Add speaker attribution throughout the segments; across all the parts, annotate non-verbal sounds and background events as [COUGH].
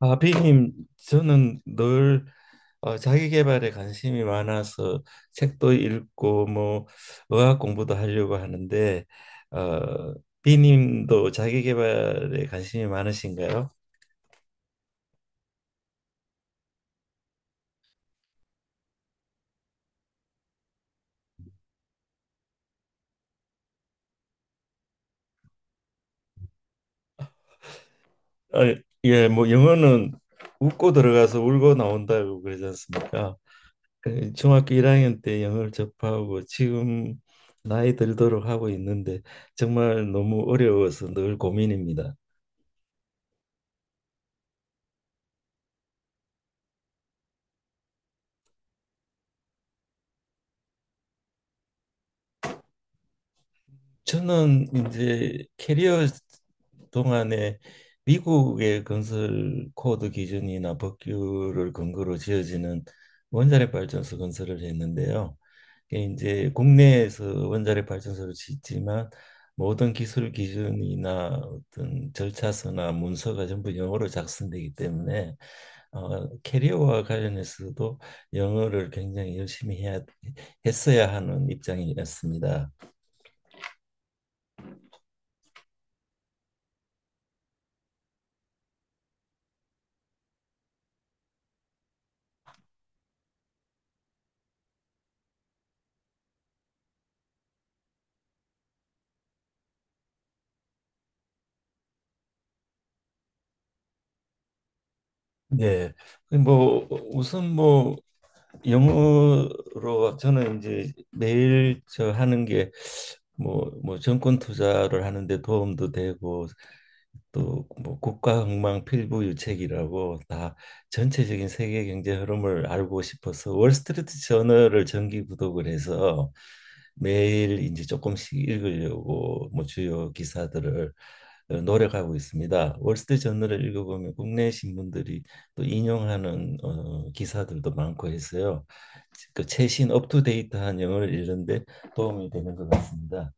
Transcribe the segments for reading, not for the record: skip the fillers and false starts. Speaker 1: 아, 비님, 저는 늘 자기계발에 관심이 많아서 책도 읽고 뭐 의학 공부도 하려고 하는데 어, 비님도 자기계발에 관심이 많으신가요? 어, 예, 뭐 영어는 웃고 들어가서 울고 나온다고 그러지 않습니까? 그 중학교 1학년 때 영어를 접하고 지금 나이 들도록 하고 있는데 정말 너무 어려워서 늘 고민입니다. 저는 이제 캐리어 동안에 미국의 건설 코드 기준이나 법규를 근거로 지어지는 원자력 발전소 건설을 했는데요. 이게 이제 국내에서 원자력 발전소를 짓지만 모든 기술 기준이나 어떤 절차서나 문서가 전부 영어로 작성되기 때문에 캐리어와 관련해서도 영어를 굉장히 열심히 해야 했어야 하는 입장이었습니다. 네. 그 뭐 우선 뭐 영어로 저는 이제 매일 저 하는 게 뭐 정권 투자를 하는데 도움도 되고 또 뭐 국가흥망 필부유책이라고 다 전체적인 세계 경제 흐름을 알고 싶어서 월스트리트 저널을 정기 구독을 해서 매일 이제 조금씩 읽으려고 뭐 주요 기사들을 노력하고 있습니다. 월스트리트 저널을 읽어보면 국내 신문들이 또 인용하는 기사들도 많고 해서요. 그 최신 업투데이트한 영어를 읽는데 도움이 되는 것 같습니다.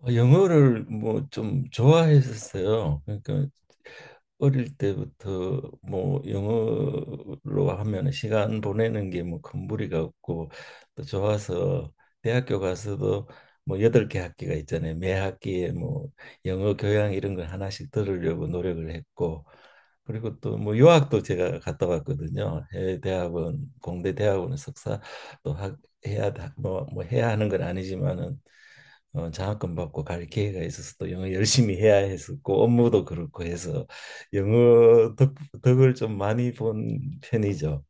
Speaker 1: 영어를 뭐 좀 좋아했었어요. 그러니까 어릴 때부터 뭐 영어로 하면 시간 보내는 게 뭐 큰 무리가 없고 또 좋아서 대학교 가서도 뭐 여덟 개 학기가 있잖아요. 매 학기에 뭐 영어 교양 이런 걸 하나씩 들으려고 노력을 했고 그리고 또 뭐 유학도 제가 갔다 왔거든요. 해외 대학원, 공대 대학원 석사 또 학, 해야 뭐 해야 하는 건 아니지만은 장학금 받고 갈 기회가 있어서 또 영어 열심히 해야 했었고 업무도 그렇고 해서 영어 덕을 좀 많이 본 편이죠.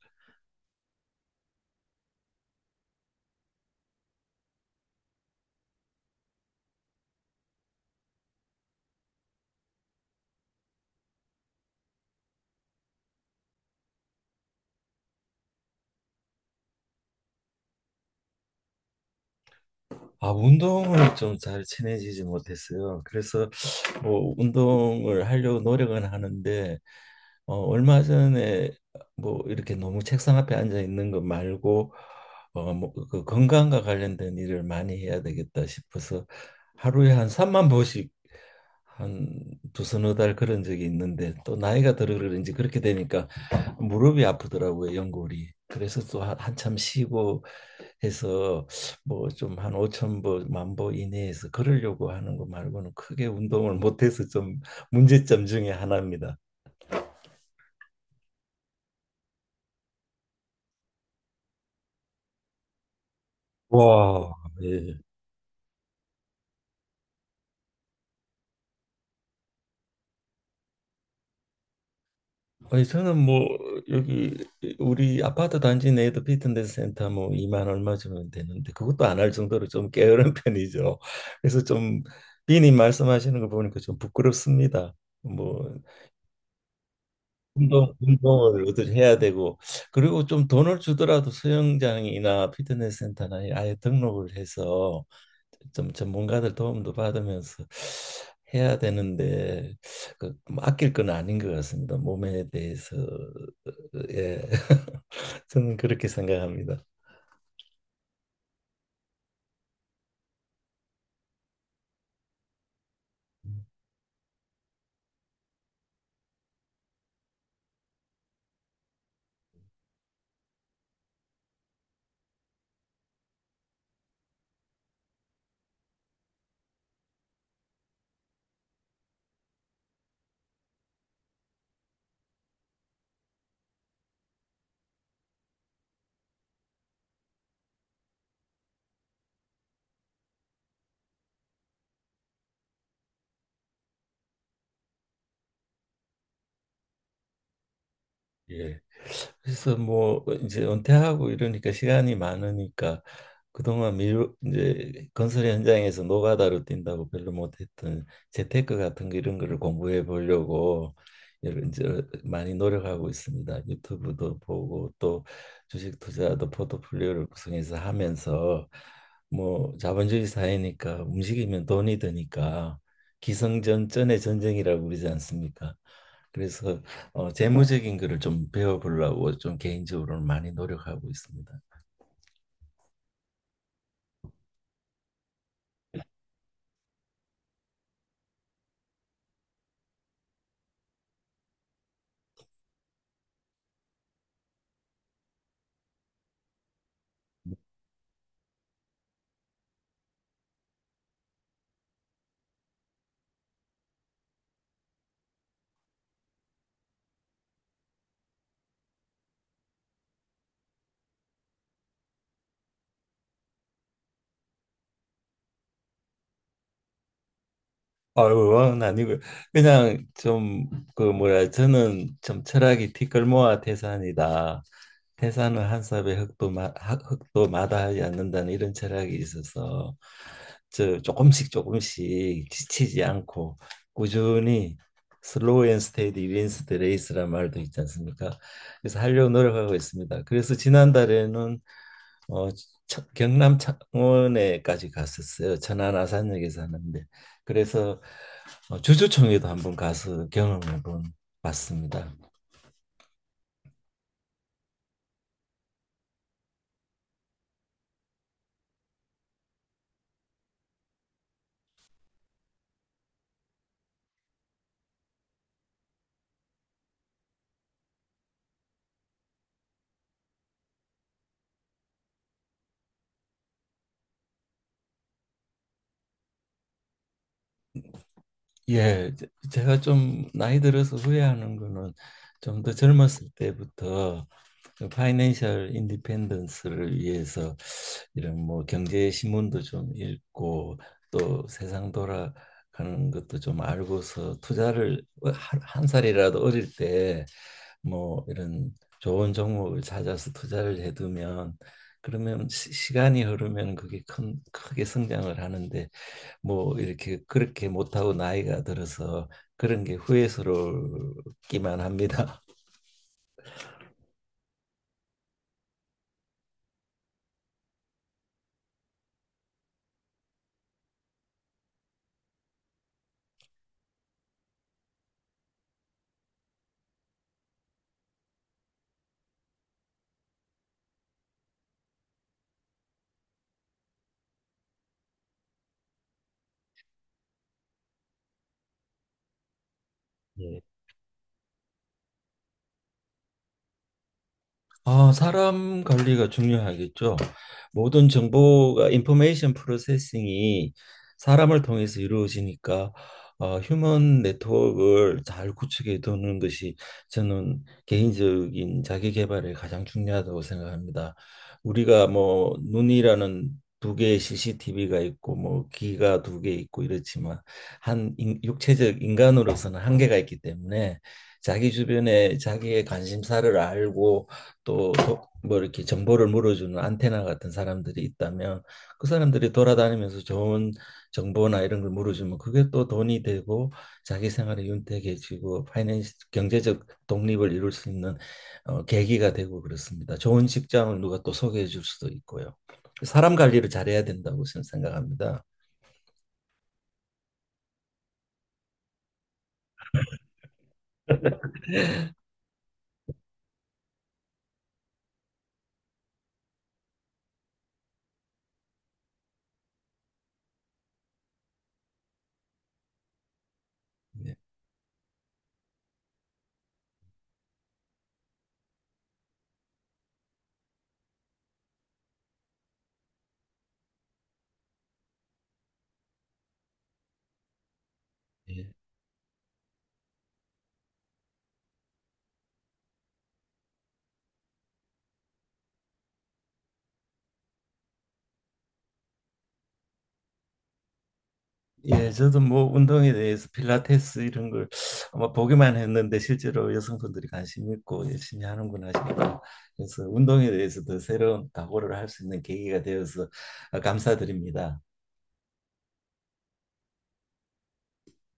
Speaker 1: 아, 운동을 좀 잘 친해지지 못했어요. 그래서 뭐 운동을 하려고 노력은 하는데 얼마 전에 뭐 이렇게 너무 책상 앞에 앉아 있는 것 말고 뭐그 건강과 관련된 일을 많이 해야 되겠다 싶어서 하루에 한 3만 보씩 한 두서너 달 그런 적이 있는데 또 나이가 들어 그런지 그렇게 되니까 무릎이 아프더라고요, 연골이. 그래서 또 한참 쉬고 해서 뭐 좀 한 5천 보, 만 보 이내에서 걸으려고 하는 거 말고는 크게 운동을 못해서 좀 문제점 중에 하나입니다. 와, 예. 아니, 저는 뭐, 여기, 우리 아파트 단지 내에도 피트니스 센터 뭐, 2만 얼마 주면 되는데, 그것도 안 할 정도로 좀 게으른 [LAUGHS] 편이죠. 그래서 좀, 비님 말씀하시는 거 보니까 좀 부끄럽습니다. 뭐, 운동을 어떻게 해야 되고, 그리고 좀 돈을 주더라도 수영장이나 피트니스 센터나 아예 등록을 해서 좀 전문가들 도움도 받으면서 해야 되는데 그뭐 아낄 건 아닌 것 같습니다. 몸에 대해서 예 [LAUGHS] 저는 그렇게 생각합니다. 예. 그래서 뭐 이제 은퇴하고 이러니까 시간이 많으니까 그동안 미루 이제 건설 현장에서 노가다로 뛴다고 별로 못했던 재테크 같은 거 이런 거를 공부해 보려고 여러 이제 많이 노력하고 있습니다. 유튜브도 보고 또 주식 투자도 포트폴리오를 구성해서 하면서 뭐 자본주의 사회니까 움직이면 돈이 드니까 기승전전의 전쟁이라고 그러지 않습니까? 그래서 재무적인 거를 좀 배워보려고 좀 개인적으로는 많이 노력하고 있습니다. 아유, 아니고요. 그냥 좀 그 뭐야 저는 좀 철학이 티끌모아 태산이다. 태산은 한 삽의 흙도 흙도 마다하지 않는다는 이런 철학이 있어서 저 조금씩 조금씩 지치지 않고 꾸준히 슬로우 앤 스테디 윈스 더 레이스란 말도 있지 않습니까? 그래서 하려고 노력하고 있습니다. 그래서 지난달에는 어, 경남 창원에까지 갔었어요. 천안 아산역에 사는데 그래서 주주총회도 한번 가서 경험해 본 봤습니다. 예, 제- 제가 좀 나이 들어서 후회하는 거는 좀 더 젊었을 때부터 그 파이낸셜 인디펜던스를 위해서 이런 뭐 경제 신문도 좀 읽고 또 세상 돌아가는 것도 좀 알고서 투자를 한 살이라도 어릴 때 뭐 이런 좋은 종목을 찾아서 투자를 해두면 그러면 시간이 흐르면 그게 크게 성장을 하는데 뭐 이렇게 그렇게 못하고 나이가 들어서 그런 게 후회스럽기만 합니다. [LAUGHS] 예. 아, 사람 관리가 중요하겠죠. 모든 정보가 인포메이션 프로세싱이 사람을 통해서 이루어지니까 휴먼 네트워크를 잘 구축해 두는 것이 저는 개인적인 자기 개발에 가장 중요하다고 생각합니다. 우리가 뭐 눈이라는 두 개의 CCTV가 있고 뭐 귀가 두 개 있고 이렇지만 육체적 인간으로서는 한계가 있기 때문에 자기 주변에 자기의 관심사를 알고 또 뭐 이렇게 정보를 물어주는 안테나 같은 사람들이 있다면 그 사람들이 돌아다니면서 좋은 정보나 이런 걸 물어주면 그게 또 돈이 되고 자기 생활이 윤택해지고 파이낸스 경제적 독립을 이룰 수 있는 계기가 되고 그렇습니다. 좋은 직장을 누가 또 소개해 줄 수도 있고요. 사람 관리를 잘해야 된다고 저는 생각합니다. 예, 예. 예, 저도 뭐 운동에 대해서 필라테스 이런 걸 아마 보기만 했는데 실제로 여성분들이 관심 있고 열심히 하는구나 싶어요. 그래서 운동에 대해서 더 새로운 각오를 할 수 있는 계기가 되어서 감사드립니다.